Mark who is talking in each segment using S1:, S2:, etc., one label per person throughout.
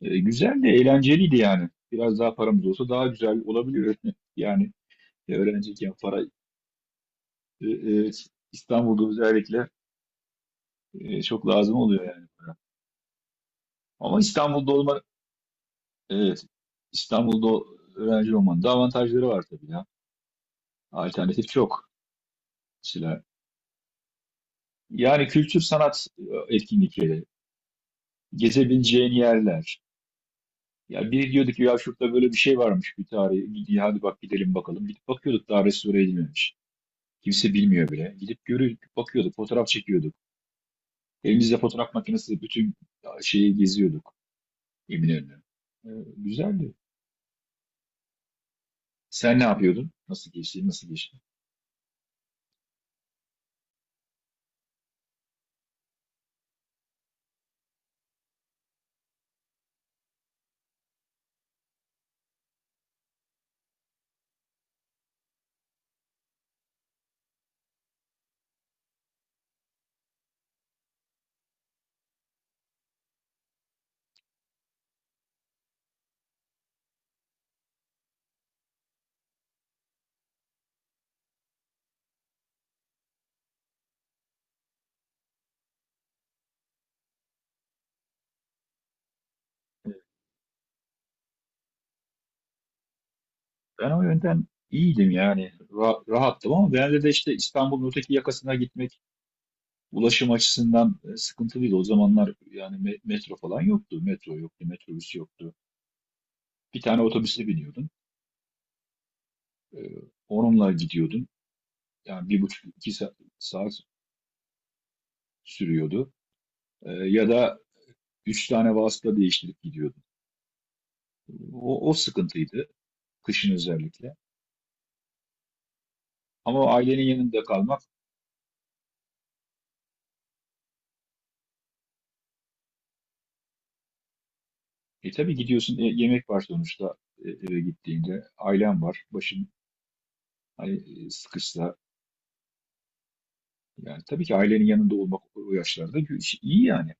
S1: Güzel de eğlenceliydi yani. Biraz daha paramız olsa daha güzel olabilir. Yani öğrenciyken para e, e, İstanbul'da özellikle çok lazım oluyor yani para. Ama İstanbul'da evet, İstanbul'da öğrenci olmanın da avantajları var tabii ya. Alternatif çok. Mesela yani kültür sanat etkinlikleri, gezebileceğin yerler. Ya biri diyordu ki ya şurada böyle bir şey varmış bir tarihi. Hadi bak gidelim bakalım. Gidip bakıyorduk, daha restore edilmemiş. Kimse bilmiyor bile. Gidip görüyorduk, bakıyorduk, fotoğraf çekiyorduk. Elimizde fotoğraf makinesi bütün şeyi geziyorduk, Eminönü'nü. Ee, Güzeldi. Sen ne yapıyordun? Nasıl geçti? Nasıl geçti? Ben o yönden iyiydim yani. Rahattım, ama genelde de işte İstanbul'un öteki yakasına gitmek ulaşım açısından sıkıntılıydı. O zamanlar yani metro falan yoktu. Metro yoktu, metrobüs yoktu. Bir tane otobüse biniyordun. Ee, Onunla gidiyordun. Yani bir buçuk, iki saat sürüyordu. Ya da üç tane vasıta değiştirip gidiyordu. O sıkıntıydı, kışın özellikle. Ama ailenin yanında kalmak, tabii gidiyorsun, yemek var sonuçta eve gittiğinde. Ailen var, başın hani sıkışsa. Yani tabii ki ailenin yanında olmak o yaşlarda iyi yani.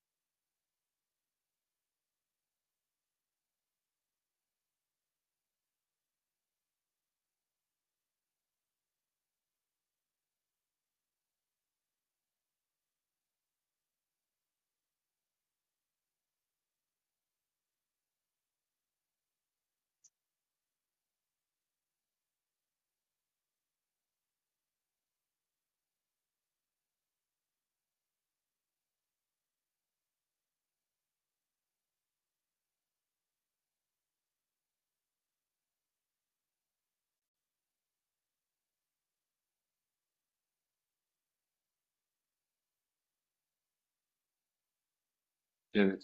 S1: Evet.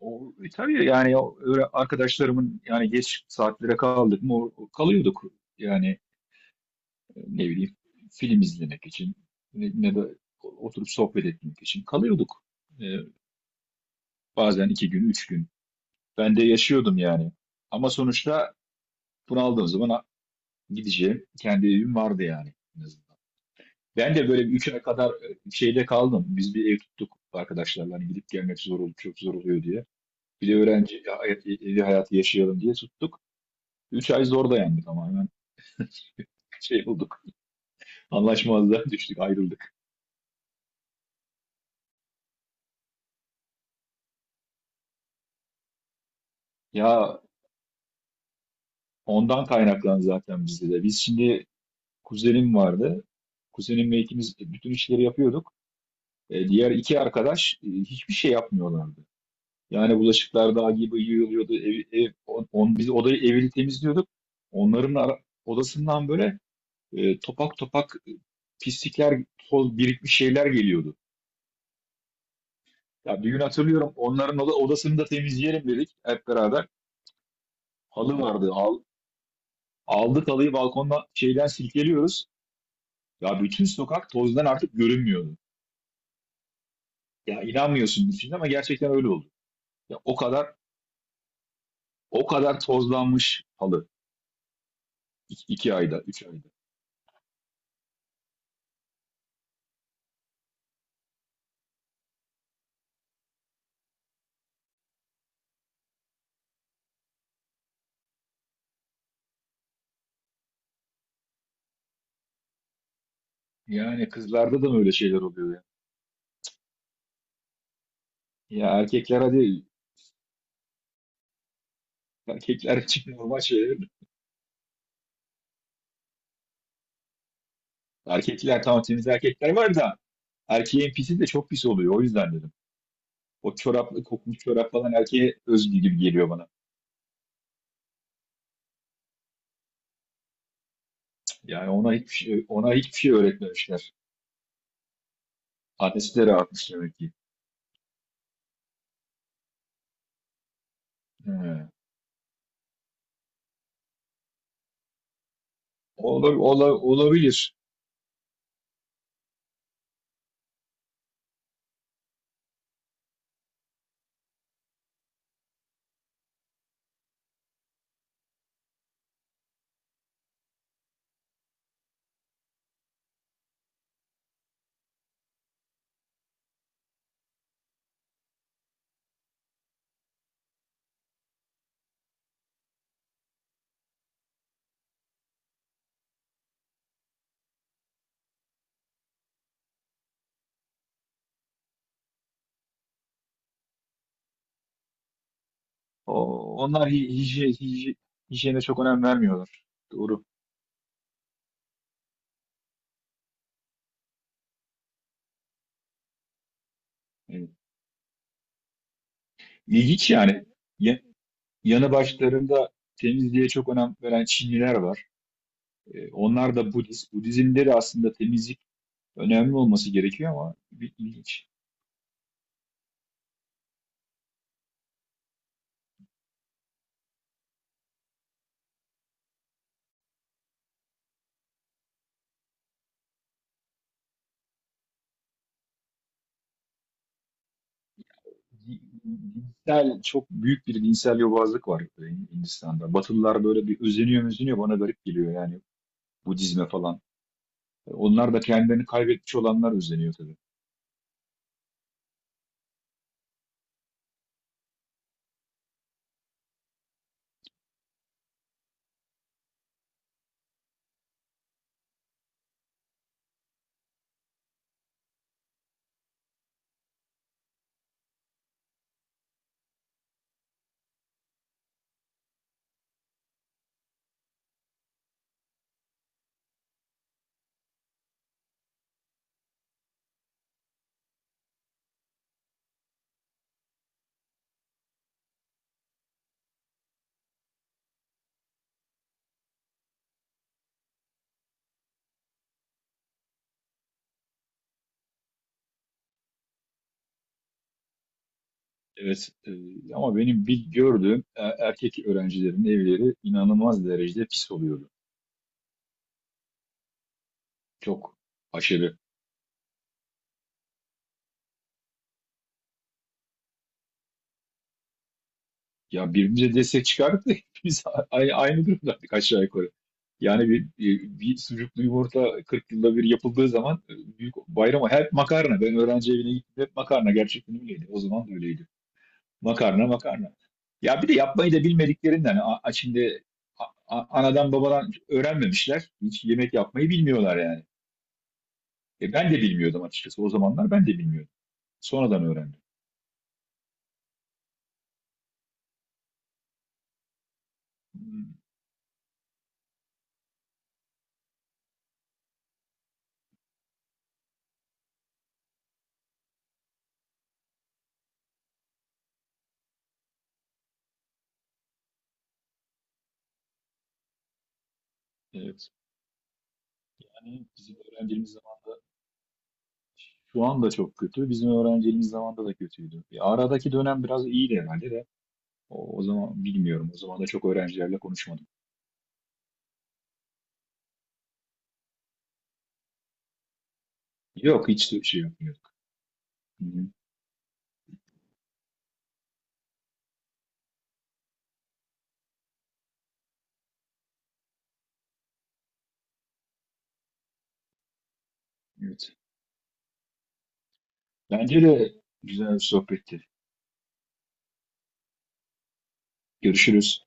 S1: Tabii yani öyle arkadaşlarımın yani, geç saatlere kaldık mı kalıyorduk. Yani ne bileyim, film izlemek için ne de oturup sohbet etmek için kalıyorduk. E, Bazen 2 gün, 3 gün. Ben de yaşıyordum yani. Ama sonuçta bunaldığım zaman gideceğim kendi evim vardı yani, en azından. Ben de böyle bir 3 ay kadar şeyde kaldım. Biz bir ev tuttuk arkadaşlarla, hani gidip gelmek zor oluyor, çok zor oluyor diye. Bir de öğrenci evi hayatı yaşayalım diye tuttuk. 3 ay zor dayandık, ama hemen şey bulduk. Anlaşmazlığa düştük, ayrıldık. Ya ondan kaynaklan zaten bizde de. Biz şimdi kuzenim vardı. Kuzenimle ikimiz bütün işleri yapıyorduk. Diğer iki arkadaş hiçbir şey yapmıyorlardı. Yani bulaşıklar dağ gibi yığılıyordu. Biz odayı, evini temizliyorduk. Onların odasından böyle topak topak pislikler, toz birikmiş şeyler geliyordu. Ya bir gün hatırlıyorum, onların odasını da temizleyelim dedik hep beraber. Halı vardı. Aldık halıyı, balkondan şeyden silkeliyoruz. Ya bütün sokak tozdan artık görünmüyordu. Ya inanmıyorsun şimdi, ama gerçekten öyle oldu. Ya o kadar o kadar tozlanmış halı. İki ayda, üç ayda. Yani kızlarda da mı öyle şeyler oluyor ya? Ya erkekler hadi, erkekler için normal şeyler. Erkekler, tamam, temiz erkekler var da erkeğin pisi de çok pis oluyor. O yüzden dedim. O çoraplı, kokmuş çorap falan erkeğe özgü gibi geliyor bana. Yani ona hiçbir şey öğretmemişler. Annesi de rahatmış demek ki. He. Olabilir. Onlar hijyene çok önem vermiyorlar. Doğru. Evet. İlginç yani. Yanı başlarında temizliğe çok önem veren Çinliler var. Onlar da Budist. Budizmde de aslında temizlik önemli olması gerekiyor, ama bir ilginç. Di- Dinsel, çok büyük bir dinsel yobazlık var Hindistan'da. Batılılar böyle bir özeniyor özeniyor, bana garip geliyor yani, Budizme falan. Onlar da kendilerini kaybetmiş olanlar özeniyor tabii. Evet, ama benim bir gördüğüm erkek öğrencilerin evleri inanılmaz derecede pis oluyordu. Çok aşırı. Ya birbirimize destek çıkardık da hepimiz aynı durumdaydık, aşağı yukarı. Yani bir sucuklu yumurta 40 yılda bir yapıldığı zaman, büyük bayrama hep makarna. Ben öğrenci evine gittim, hep makarna, gerçekten öyleydi. O zaman da öyleydi. Makarna makarna. Ya bir de yapmayı da bilmediklerinden, şimdi a- anadan babadan öğrenmemişler. Hiç yemek yapmayı bilmiyorlar yani. Ben de bilmiyordum açıkçası. O zamanlar ben de bilmiyordum. Sonradan öğrendim. Hmm, evet. Yani bizim öğrenciliğimiz. Şu anda çok kötü. Bizim öğrenciliğimiz zamanında da kötüydü. Ya aradaki dönem biraz iyiydi herhalde de. O zaman bilmiyorum. O zaman da çok öğrencilerle konuşmadım. Yok, hiç de şey yapmıyorduk. Hı hı, evet. Bence de güzel bir sohbetti. Görüşürüz.